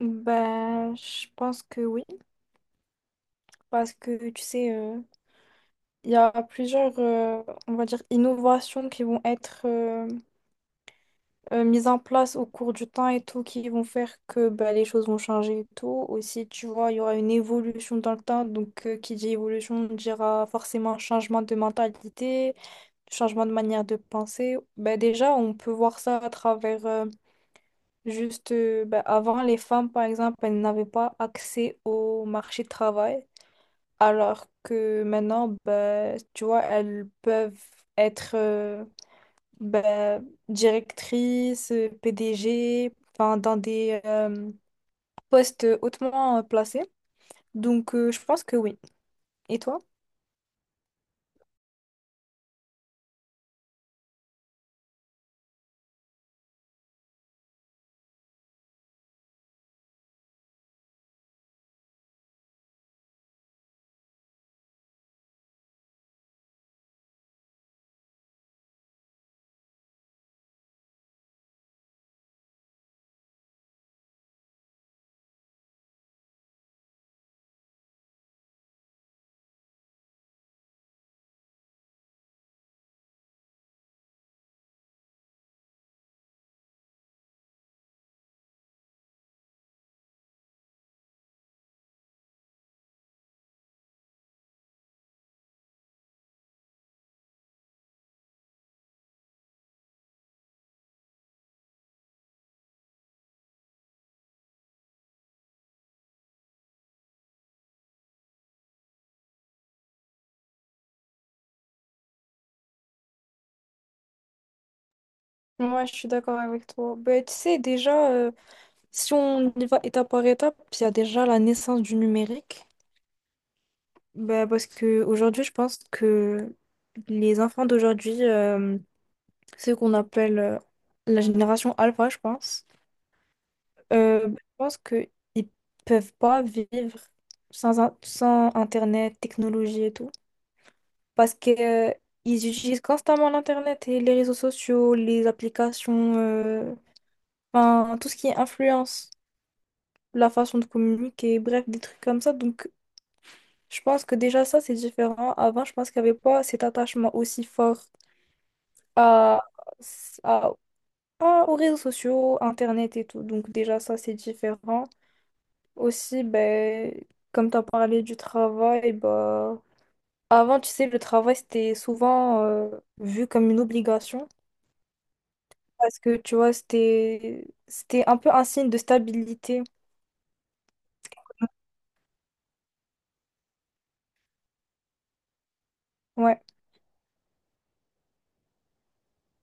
Ben, je pense que oui, parce que tu sais, il y a plusieurs, on va dire, innovations qui vont être mises en place au cours du temps et tout, qui vont faire que ben, les choses vont changer et tout. Aussi, tu vois, il y aura une évolution dans le temps, donc qui dit évolution dira forcément changement de mentalité, changement de manière de penser. Ben, déjà, on peut voir ça à travers, ben, avant, les femmes, par exemple, elles n'avaient pas accès au marché du travail. Alors que maintenant, bah, tu vois, elles peuvent être bah, directrices, PDG, enfin, dans des postes hautement placés. Donc, je pense que oui. Et toi? Moi, je suis d'accord avec toi. Ben, tu sais, déjà, si on y va étape par étape, il y a déjà la naissance du numérique. Ben, parce que aujourd'hui, je pense que les enfants d'aujourd'hui, ceux qu'on appelle la génération alpha, je pense, je pense qu'ils peuvent pas vivre sans Internet, technologie et tout. Parce que, ils utilisent constamment l'Internet et les réseaux sociaux, les applications, enfin, tout ce qui est influence. La façon de communiquer, bref, des trucs comme ça. Donc, je pense que déjà ça, c'est différent. Avant, je pense qu'il n'y avait pas cet attachement aussi fort à, à- aux réseaux sociaux, Internet et tout. Donc, déjà ça, c'est différent. Aussi, ben, comme tu as parlé du travail, ben, avant, tu sais, le travail, c'était souvent vu comme une obligation. Parce que, tu vois, c'était un peu un signe de stabilité. Ouais,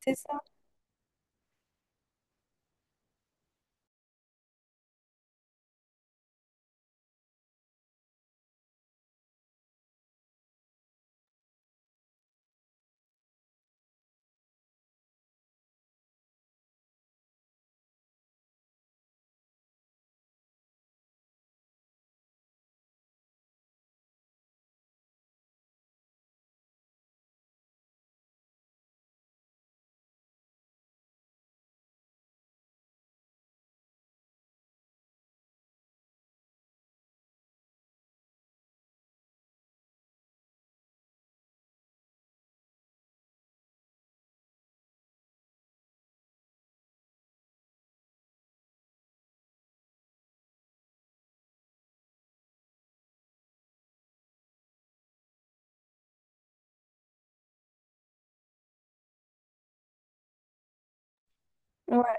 c'est ça. Ouais.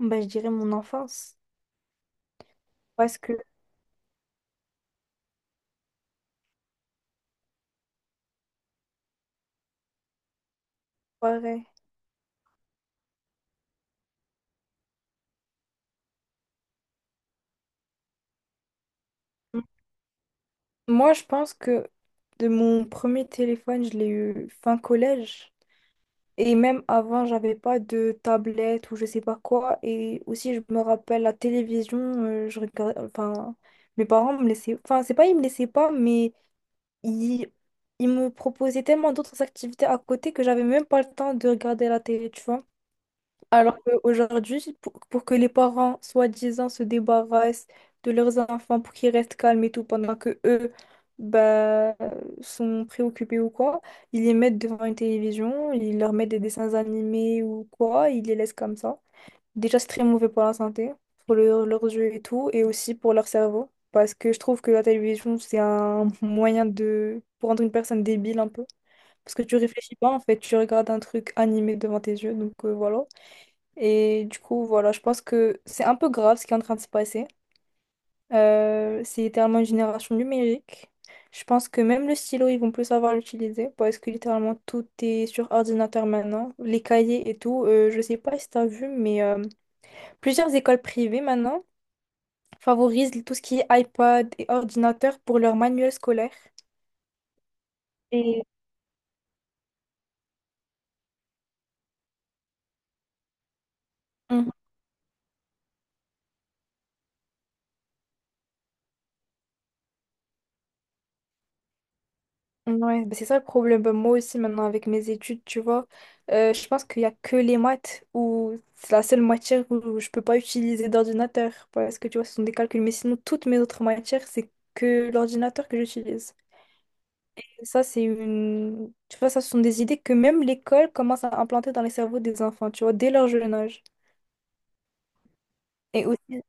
Ben, je dirais mon enfance. Parce que, pareil. Moi, je pense que de mon premier téléphone, je l'ai eu fin collège. Et même avant, j'avais pas de tablette ou je sais pas quoi. Et aussi, je me rappelle la télévision, je regardais, enfin, mes parents me laissaient, enfin, c'est pas ils me laissaient pas, mais ils, ils me proposaient tellement d'autres activités à côté que j'avais même pas le temps de regarder la télé, tu vois. Alors qu'aujourd'hui, pour que les parents, soi-disant, se débarrassent de leurs enfants pour qu'ils restent calmes et tout, pendant que eux bah, sont préoccupés ou quoi, ils les mettent devant une télévision, ils leur mettent des dessins animés ou quoi, ils les laissent comme ça. Déjà, c'est très mauvais pour la santé, pour leurs yeux et tout, et aussi pour leur cerveau. Parce que je trouve que la télévision, c'est un moyen de... pour rendre une personne débile un peu. Parce que tu réfléchis pas, en fait, tu regardes un truc animé devant tes yeux, donc voilà. Et du coup, voilà, je pense que c'est un peu grave ce qui est en train de se passer. C'est littéralement une génération numérique. Je pense que même le stylo, ils vont plus savoir l'utiliser parce que littéralement tout est sur ordinateur maintenant. Les cahiers et tout, je sais pas si t'as vu, mais plusieurs écoles privées maintenant favorisent tout ce qui est iPad et ordinateur pour leurs manuels scolaires. Et... Ouais, bah c'est ça le problème. Bah, moi aussi, maintenant, avec mes études, tu vois, je pense qu'il n'y a que les maths où c'est la seule matière où je peux pas utiliser d'ordinateur parce que, tu vois, ce sont des calculs. Mais sinon, toutes mes autres matières, c'est que l'ordinateur que j'utilise. Et ça, c'est une... Tu vois, ça, ce sont des idées que même l'école commence à implanter dans les cerveaux des enfants, tu vois, dès leur jeune âge. Et aussi,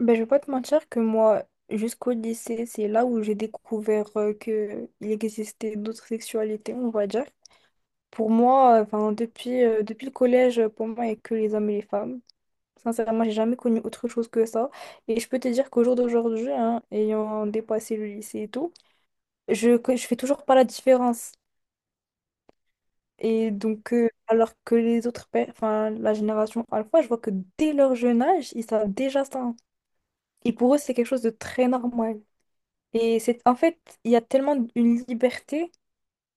ben, je vais pas te mentir que moi, jusqu'au lycée, c'est là où j'ai découvert que il existait d'autres sexualités, on va dire. Pour moi, enfin, depuis, depuis le collège, pour moi, il n'y a que les hommes et les femmes. Sincèrement, j'ai jamais connu autre chose que ça. Et je peux te dire qu'au jour d'aujourd'hui, hein, ayant dépassé le lycée et tout, je fais toujours pas la différence. Et donc, alors que les autres, enfin, la génération alpha, je vois que dès leur jeune âge, ils savent déjà ça. Et pour eux, c'est quelque chose de très normal. Et c'est, en fait, il y a tellement une liberté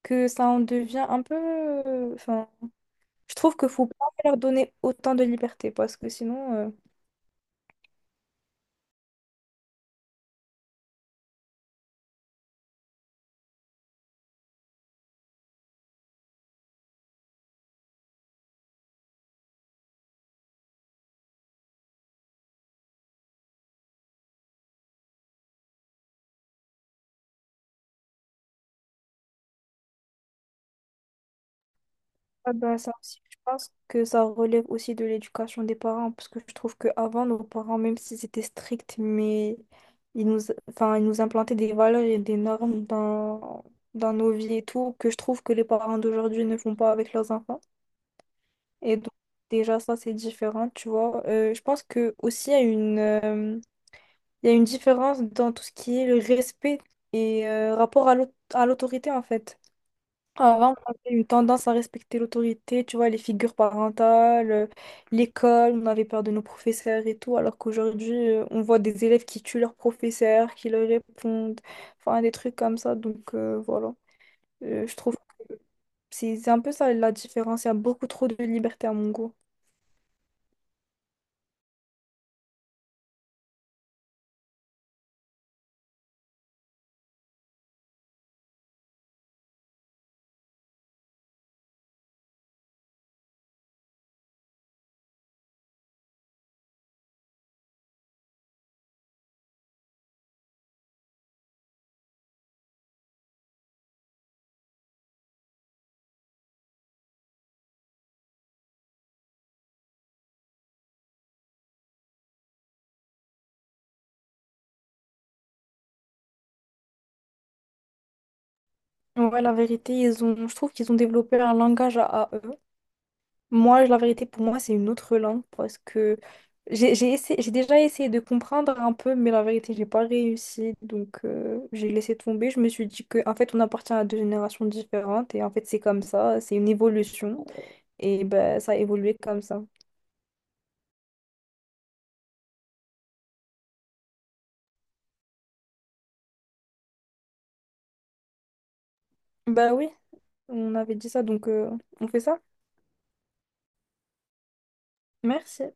que ça en devient un peu, enfin, je trouve que faut pas leur donner autant de liberté parce que sinon, ah bah, ça aussi, je pense que ça relève aussi de l'éducation des parents parce que je trouve qu'avant, nos parents, même s'ils étaient stricts, mais ils nous, enfin, ils nous implantaient des valeurs et des normes dans nos vies et tout, que je trouve que les parents d'aujourd'hui ne font pas avec leurs enfants. Et donc, déjà, ça, c'est différent, tu vois. Je pense que aussi, il y a une différence dans tout ce qui est le respect et rapport à à l'autorité, en fait. Avant, on avait eu tendance à respecter l'autorité, tu vois, les figures parentales, l'école, on avait peur de nos professeurs et tout, alors qu'aujourd'hui, on voit des élèves qui tuent leurs professeurs, qui leur répondent, enfin, des trucs comme ça. Donc, voilà. Je trouve que c'est un peu ça la différence. Il y a beaucoup trop de liberté à mon goût. Ouais, la vérité, ils ont, je trouve qu'ils ont développé un langage à eux. Moi, la vérité, pour moi, c'est une autre langue parce que j'ai déjà essayé de comprendre un peu, mais la vérité, j'ai pas réussi. Donc, j'ai laissé tomber. Je me suis dit que, en fait, on appartient à deux générations différentes et en fait, c'est comme ça, c'est une évolution et ben, ça a évolué comme ça. Bah oui, on avait dit ça, donc on fait ça. Merci.